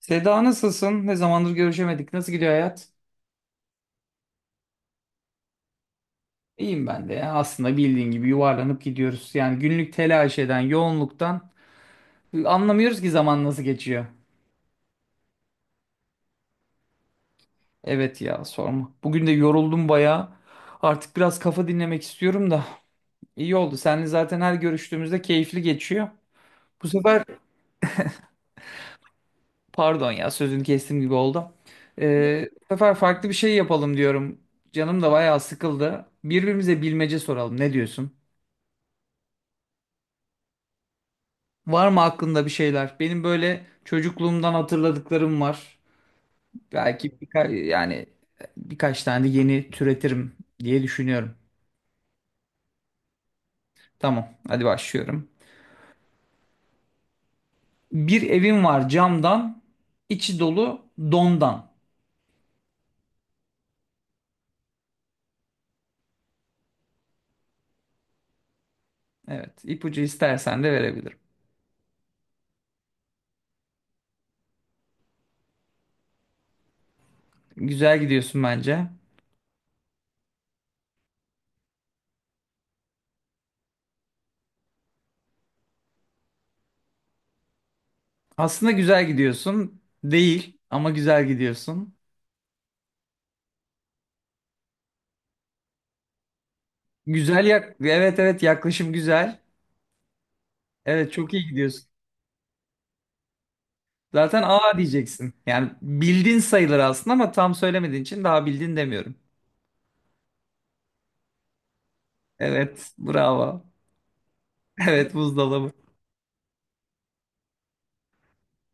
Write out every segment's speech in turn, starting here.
Seda, nasılsın? Ne zamandır görüşemedik. Nasıl gidiyor hayat? İyiyim ben de. Ya, aslında bildiğin gibi yuvarlanıp gidiyoruz. Yani günlük telaş eden, yoğunluktan anlamıyoruz ki zaman nasıl geçiyor. Evet ya, sorma. Bugün de yoruldum bayağı. Artık biraz kafa dinlemek istiyorum da. İyi oldu. Seninle zaten her görüştüğümüzde keyifli geçiyor. Bu sefer pardon ya, sözünü kestim gibi oldu. Bu sefer farklı bir şey yapalım diyorum. Canım da bayağı sıkıldı. Birbirimize bilmece soralım. Ne diyorsun? Var mı aklında bir şeyler? Benim böyle çocukluğumdan hatırladıklarım var. Belki birkaç tane de yeni türetirim diye düşünüyorum. Tamam, hadi başlıyorum. Bir evim var camdan, içi dolu dondan. Evet, ipucu istersen de verebilirim. Güzel gidiyorsun bence. Aslında güzel gidiyorsun değil ama güzel gidiyorsun. Güzel yak, evet evet, yaklaşım güzel. Evet, çok iyi gidiyorsun. Zaten A diyeceksin. Yani bildin sayılır aslında ama tam söylemediğin için daha bildin demiyorum. Evet, bravo. Evet, buzdolabı.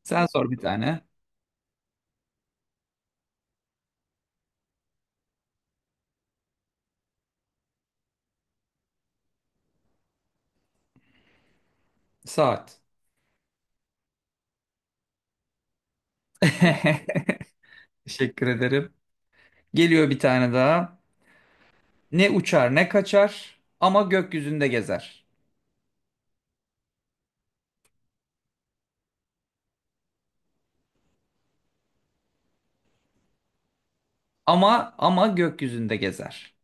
Sen sor bir tane. Saat. Teşekkür ederim. Geliyor bir tane daha. Ne uçar ne kaçar ama gökyüzünde gezer. Ama gökyüzünde gezer.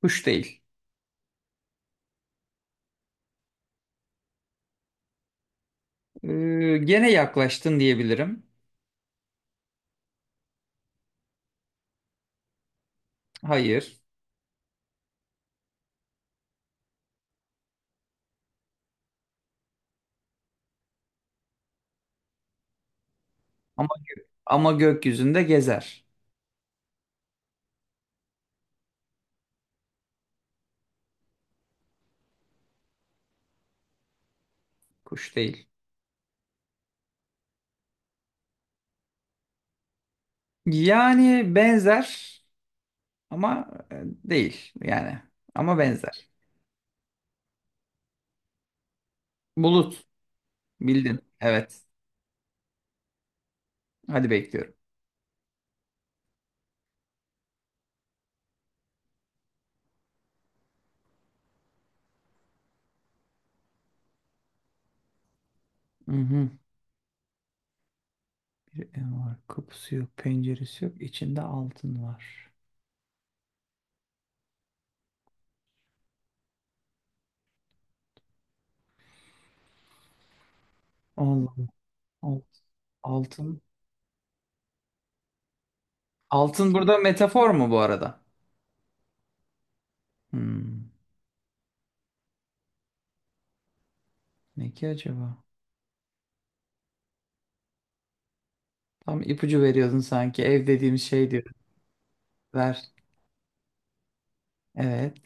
Kuş değil. Ee, Gene yaklaştın diyebilirim. Hayır. Ama ama gökyüzünde gezer. Kuş değil. Yani benzer. Ama değil yani. Ama benzer. Bulut. Bildin. Evet. Hadi bekliyorum. Hı hı. Bir ev var. Kapısı yok. Penceresi yok. İçinde altın var. Allah'ım. Altın. Altın. Altın burada metafor mu bu arada? Hmm. Ne ki acaba? Tam ipucu veriyordun sanki. Ev dediğim şey diyor. Ver. Evet.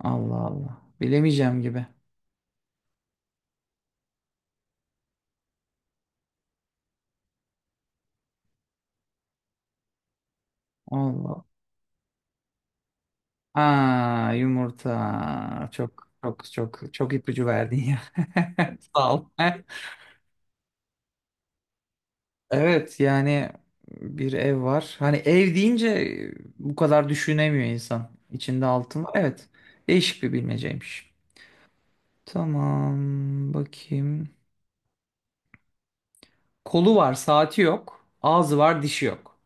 Allah Allah. Bilemeyeceğim gibi. Allah. Aa, yumurta. Çok çok çok çok ipucu verdin ya. Sağ ol. Evet yani, bir ev var. Hani ev deyince bu kadar düşünemiyor insan. İçinde altın var. Evet. Değişik bir bilmeceymiş. Tamam, bakayım. Kolu var, saati yok. Ağzı var, dişi yok.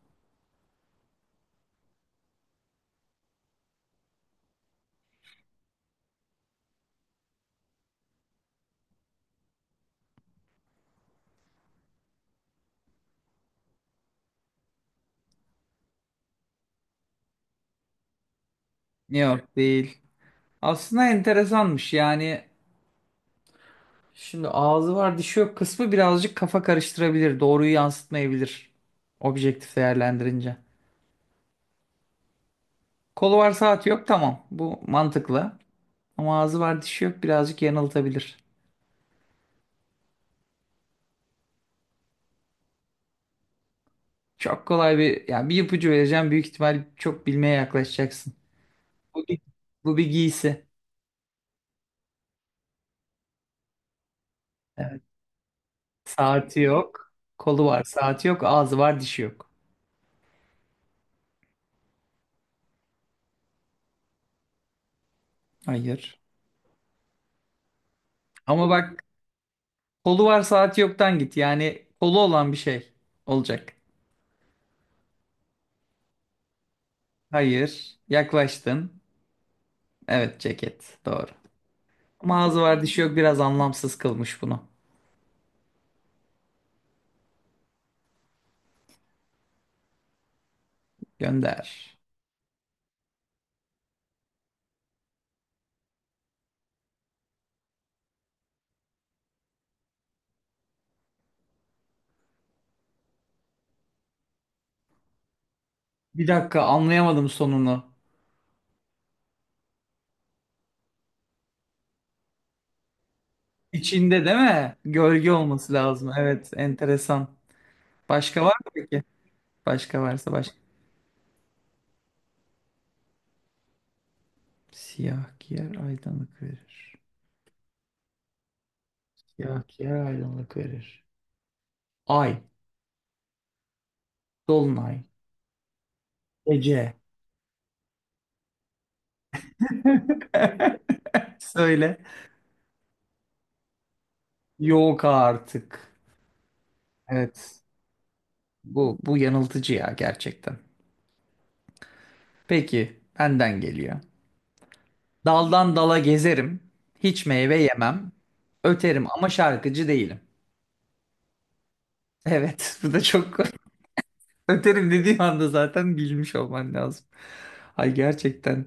Yok değil. Aslında enteresanmış yani. Şimdi ağzı var dişi yok kısmı birazcık kafa karıştırabilir. Doğruyu yansıtmayabilir. Objektif değerlendirince. Kolu var saati yok, tamam. Bu mantıklı. Ama ağzı var dişi yok birazcık yanıltabilir. Çok kolay bir ipucu vereceğim. Büyük ihtimal çok bilmeye yaklaşacaksın. Bu bir, bu bir giysi. Evet. Saati yok. Kolu var saati yok. Ağzı var dişi yok. Hayır. Ama bak, kolu var saati yoktan git. Yani kolu olan bir şey olacak. Hayır. Yaklaştın. Evet, ceket. Doğru. Ama ağzı var dişi yok biraz anlamsız kılmış bunu. Gönder. Bir dakika, anlayamadım sonunu. İçinde değil mi? Gölge olması lazım. Evet, enteresan. Başka var mı peki? Başka varsa başka. Siyah giyer aydınlık verir. Siyah giyer aydınlık verir. Ay. Dolunay. Gece. Söyle. Yok artık. Evet. Bu yanıltıcı ya gerçekten. Peki, benden geliyor. Daldan dala gezerim. Hiç meyve yemem. Öterim ama şarkıcı değilim. Evet, bu da çok öterim dediğim anda zaten bilmiş olman lazım. Ay, gerçekten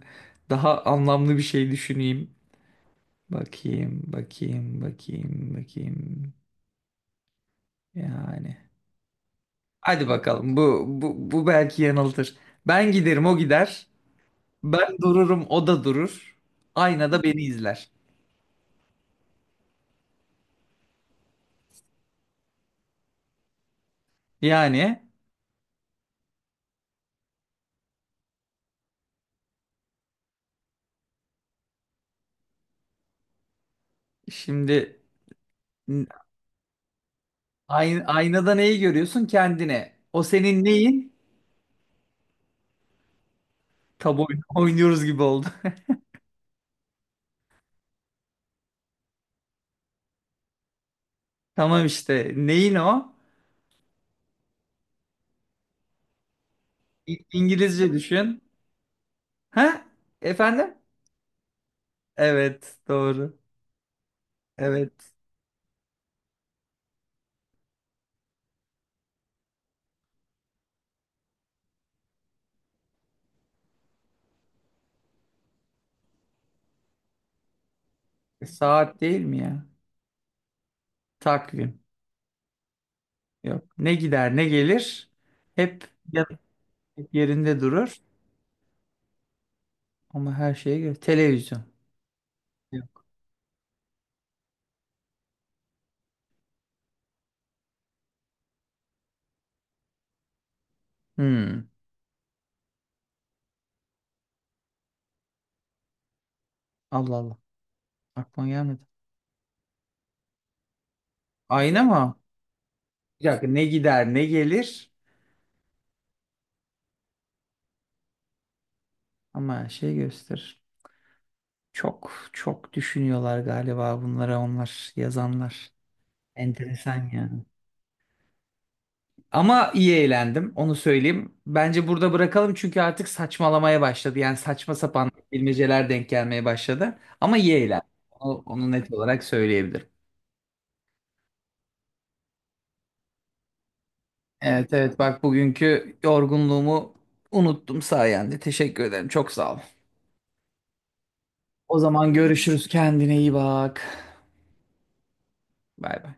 daha anlamlı bir şey düşüneyim. Bakayım, bakayım, bakayım, bakayım. Yani. Hadi bakalım, bu belki yanıltır. Ben giderim o gider. Ben dururum o da durur. Aynada beni izler. Yani şimdi aynada neyi görüyorsun? Kendine. O senin neyin? Tab oyunu oynuyoruz gibi oldu. Tamam işte. Neyin o? İngilizce düşün. Ha? Efendim? Evet, doğru. Evet. Saat değil mi ya? Takvim. Yok. Ne gider, ne gelir? Hep ya- yerinde durur. Ama her şeye göre. Televizyon. Yok. Hmm. Allah Allah. Aklıma gelmedi. Ayna mı? Bir dakika. Ne gider, ne gelir? Ama her şeyi gösterir. Çok çok düşünüyorlar galiba bunlara, onlar yazanlar. Enteresan yani. Ama iyi eğlendim, onu söyleyeyim. Bence burada bırakalım çünkü artık saçmalamaya başladı. Yani saçma sapan bilmeceler denk gelmeye başladı. Ama iyi eğlendim. Onu net olarak söyleyebilirim. Evet evet, bak, bugünkü yorgunluğumu unuttum sayende. Teşekkür ederim, çok sağ ol. O zaman görüşürüz, kendine iyi bak. Bay bay.